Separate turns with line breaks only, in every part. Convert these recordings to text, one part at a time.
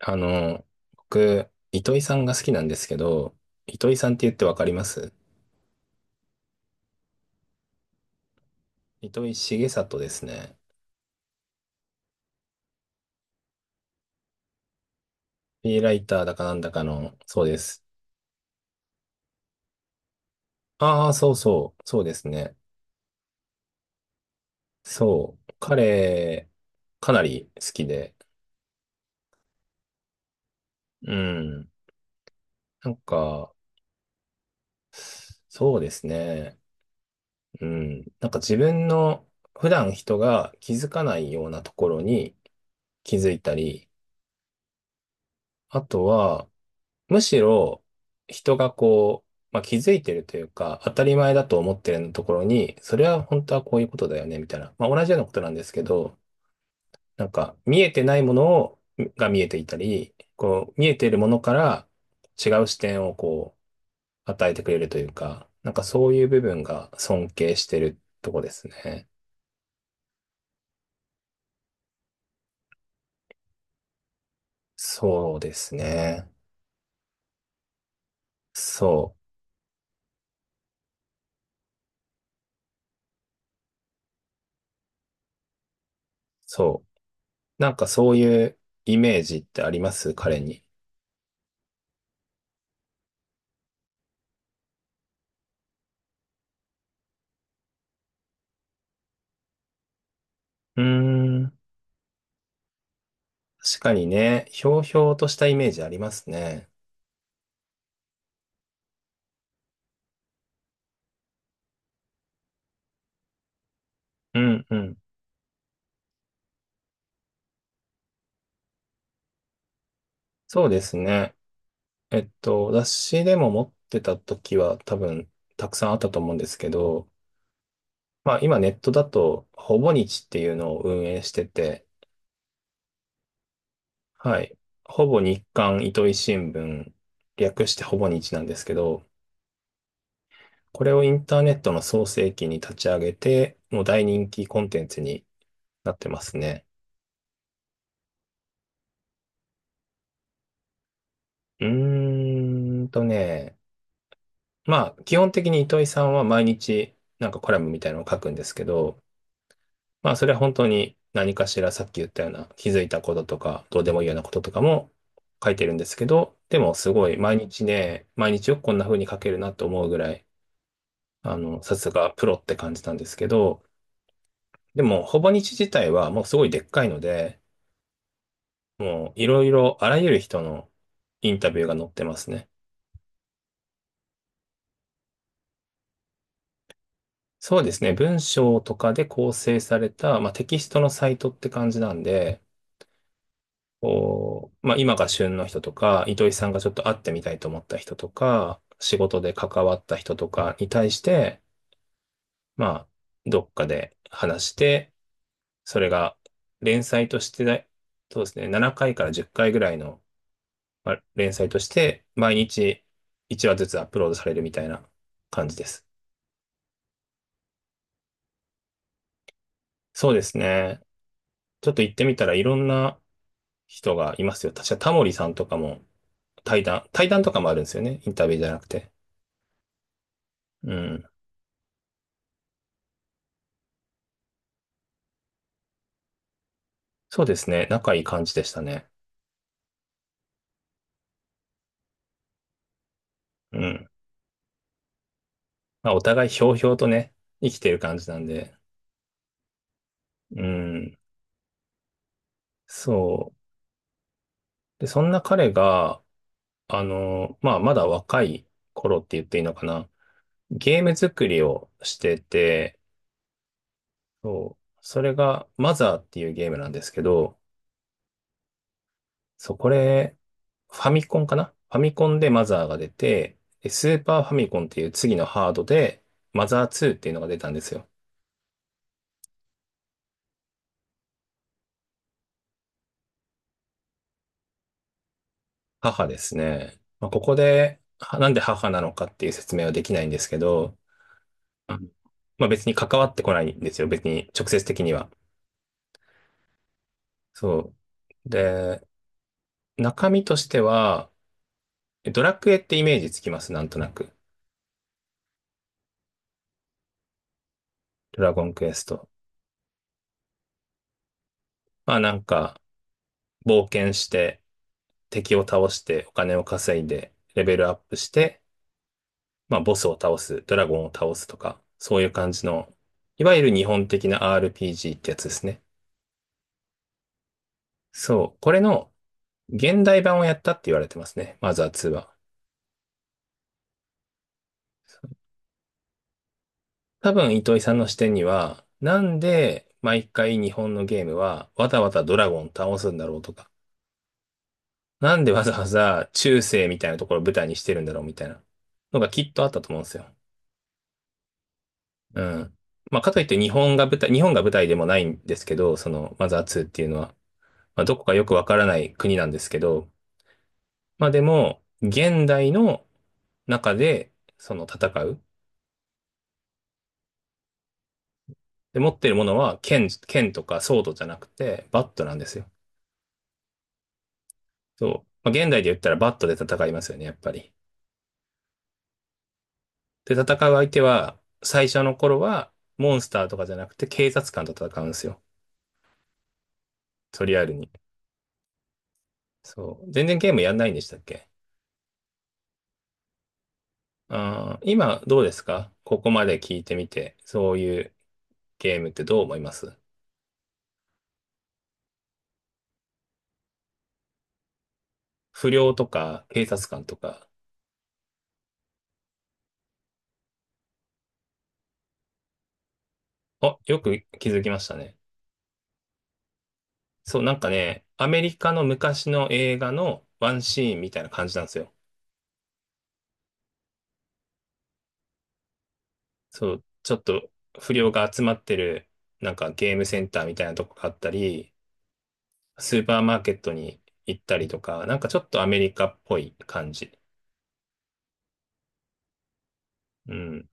あの、僕、糸井さんが好きなんですけど、糸井さんって言ってわかります？糸井重里ですね。フリーライターだかなんだかの、そうです。ああ、そうそう、そうですね。そう。彼、かなり好きで、うん。なんか、そうですね。うん。なんか自分の普段人が気づかないようなところに気づいたり、あとは、むしろ人がこう、まあ、気づいてるというか、当たり前だと思ってるところに、それは本当はこういうことだよね、みたいな。まあ、同じようなことなんですけど、なんか見えてないものをが見えていたり、こう見えているものから違う視点をこう与えてくれるというか、なんかそういう部分が尊敬してるとこですね。そうですね。そう、そう。なんかそういうイメージってあります彼に？うーん。確かにね、ひょうひょうとしたイメージありますね。うんうん。そうですね。雑誌でも持ってた時は多分たくさんあったと思うんですけど、まあ今ネットだと、ほぼ日っていうのを運営してて、はい。ほぼ日刊糸井新聞、略してほぼ日なんですけど、これをインターネットの創世記に立ち上げて、もう大人気コンテンツになってますね。うーんとね、まあ、基本的に糸井さんは毎日なんかコラムみたいなのを書くんですけど、まあ、それは本当に何かしらさっき言ったような気づいたこととか、どうでもいいようなこととかも書いてるんですけど、でもすごい毎日ね、毎日よくこんな風に書けるなと思うぐらい、さすがプロって感じなんですけど、でも、ほぼ日自体はもうすごいでっかいので、もういろいろあらゆる人のインタビューが載ってますね。そうですね。文章とかで構成された、まあ、テキストのサイトって感じなんで、こう、まあ今が旬の人とか、糸井さんがちょっと会ってみたいと思った人とか、仕事で関わった人とかに対して、まあ、どっかで話して、それが連載としてだ、そうですね、7回かいから10回ぐらいの、まあ、連載として、毎日1話ずつアップロードされるみたいな感じです。そうですね。ちょっと行ってみたらいろんな人がいますよ。確かタモリさんとかも対談とかもあるんですよね。インタビューじゃなくて。うん。そうですね。仲いい感じでしたね。うん。まあ、お互いひょうひょうとね、生きてる感じなんで。うん。そう。で、そんな彼が、まあ、まだ若い頃って言っていいのかな。ゲーム作りをしてて、そう。それが、マザーっていうゲームなんですけど、そう、これ、ファミコンかな、ファミコンでマザーが出て、でスーパーファミコンっていう次のハードで、マザー2っていうのが出たんですよ。母ですね。まあ、ここで、はなんで母なのかっていう説明はできないんですけど、あのまあ別に関わってこないんですよ。別に直接的には。そう。で、中身としては、ドラクエってイメージつきます？なんとなく。ドラゴンクエスト。まあなんか、冒険して、敵を倒して、お金を稼いで、レベルアップして、まあボスを倒す、ドラゴンを倒すとか、そういう感じの、いわゆる日本的な RPG ってやつですね。そう。これの、現代版をやったって言われてますね。マザー2は。多分、糸井さんの視点には、なんで毎回日本のゲームはわざわざドラゴン倒すんだろうとか、なんでわざわざ中世みたいなところを舞台にしてるんだろうみたいなのがきっとあったと思うんですよ。うん。まあ、かといって日本が舞台でもないんですけど、そのマザー2っていうのは、まあ、どこかよくわからない国なんですけど、まあでも、現代の中でその戦う。で、持っているものは剣とかソードじゃなくて、バットなんですよ。そう。まあ、現代で言ったらバットで戦いますよね、やっぱり。で、戦う相手は、最初の頃は、モンスターとかじゃなくて、警察官と戦うんですよ。とりあえずに。そう。全然ゲームやんないんでしたっけ？あー、今、どうですか、ここまで聞いてみて、そういうゲームってどう思います？不良とか、警察官とか。あ、よく気づきましたね。そう、なんかね、アメリカの昔の映画のワンシーンみたいな感じなんですよ。そう、ちょっと不良が集まってる、なんかゲームセンターみたいなとこがあったり、スーパーマーケットに行ったりとか、なんかちょっとアメリカっぽい感じ。うん。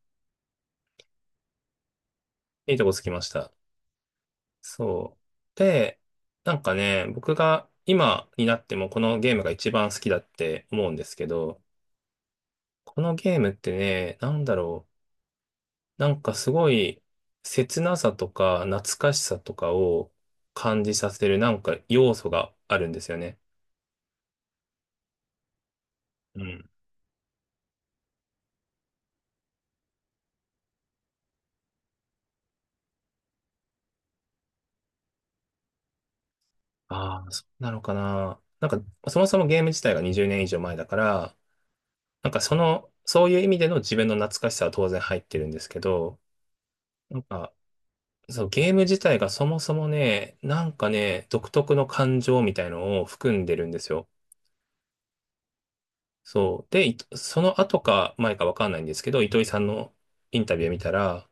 いいとこつきました。そう。で、なんかね、僕が今になってもこのゲームが一番好きだって思うんですけど、このゲームってね、なんだろう。なんかすごい切なさとか懐かしさとかを感じさせるなんか要素があるんですよね。うん。ああ、そうなのかな。なんか、そもそもゲーム自体が20年以上前だから、なんかその、そういう意味での自分の懐かしさは当然入ってるんですけど、なんか、そう、ゲーム自体がそもそもね、なんかね、独特の感情みたいのを含んでるんですよ。そう。で、いその後か前かわかんないんですけど、糸井さんのインタビューを見たら、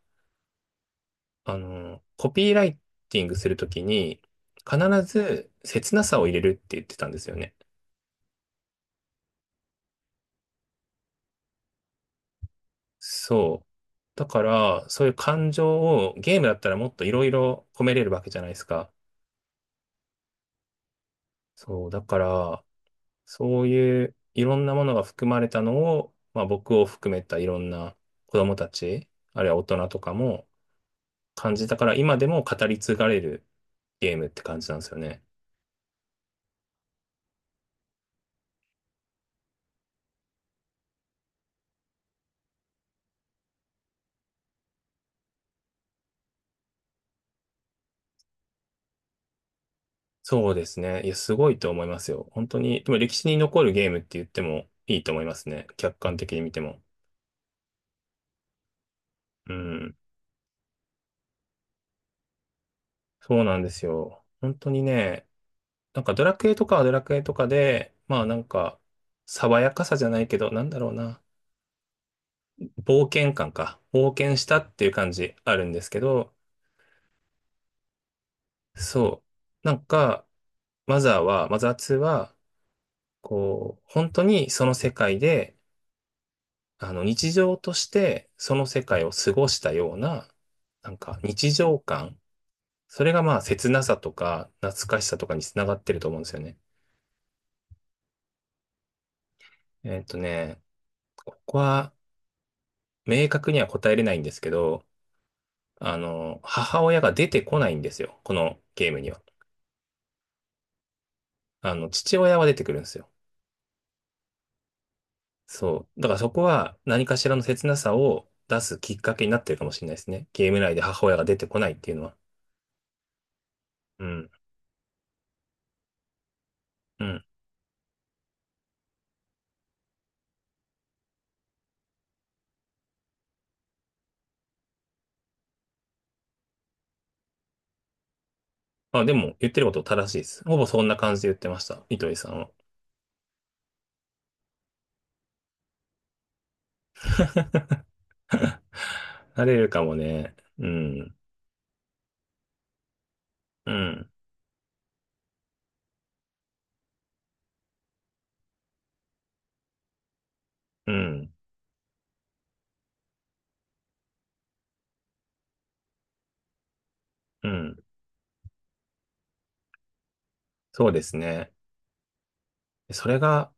コピーライティングするときに、必ず切なさを入れるって言ってたんですよね。そう。だから、そういう感情をゲームだったらもっといろいろ込めれるわけじゃないですか。そう。だから、そういういろんなものが含まれたのを、まあ僕を含めたいろんな子供たち、あるいは大人とかも感じたから、今でも語り継がれるゲームって感じなんですよね。そうですね。いや、すごいと思いますよ。本当に、でも歴史に残るゲームって言ってもいいと思いますね。客観的に見ても。うん。そうなんですよ。本当にね、なんかドラクエとかはドラクエとかで、まあなんか、爽やかさじゃないけど、なんだろうな。冒険感か。冒険したっていう感じあるんですけど、そう。なんか、マザーは、マザー2は、こう、本当にその世界で、日常としてその世界を過ごしたような、なんか日常感。それがまあ切なさとか懐かしさとかにつながってると思うんですよね。えっとね、ここは明確には答えれないんですけど、母親が出てこないんですよ。このゲームには。父親は出てくるんですよ。そう。だからそこは何かしらの切なさを出すきっかけになってるかもしれないですね。ゲーム内で母親が出てこないっていうのは。うん。うん。あ、でも言ってること正しいです。ほぼそんな感じで言ってました。糸井さんは。なれるかもね。うん。うん。うん。うん。そうですね。それが、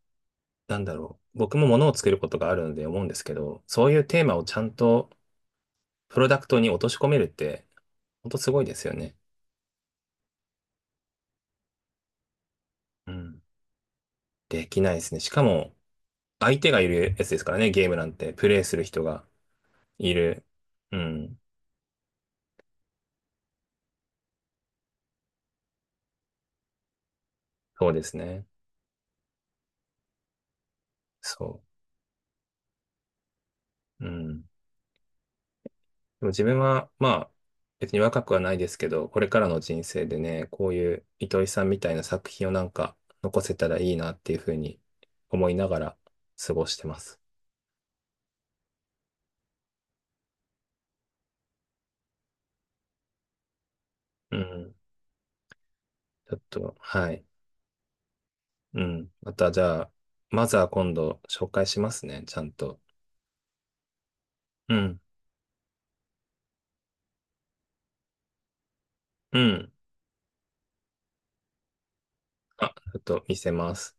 なんだろう。僕も物を作ることがあるので思うんですけど、そういうテーマをちゃんとプロダクトに落とし込めるって、ほんとすごいですよね。うん。できないですね。しかも、相手がいるやつですからね、ゲームなんて。プレイする人がいる。うん。そうですね。そう。うん。でも自分は、まあ、別に若くはないですけど、これからの人生でね、こういう糸井さんみたいな作品をなんか残せたらいいなっていうふうに思いながら過ごしてます。うん。ちょっと、はい。うん。またじゃあ、まずは今度紹介しますね、ちゃんと。うん。うん。あ、ちょっと見せます。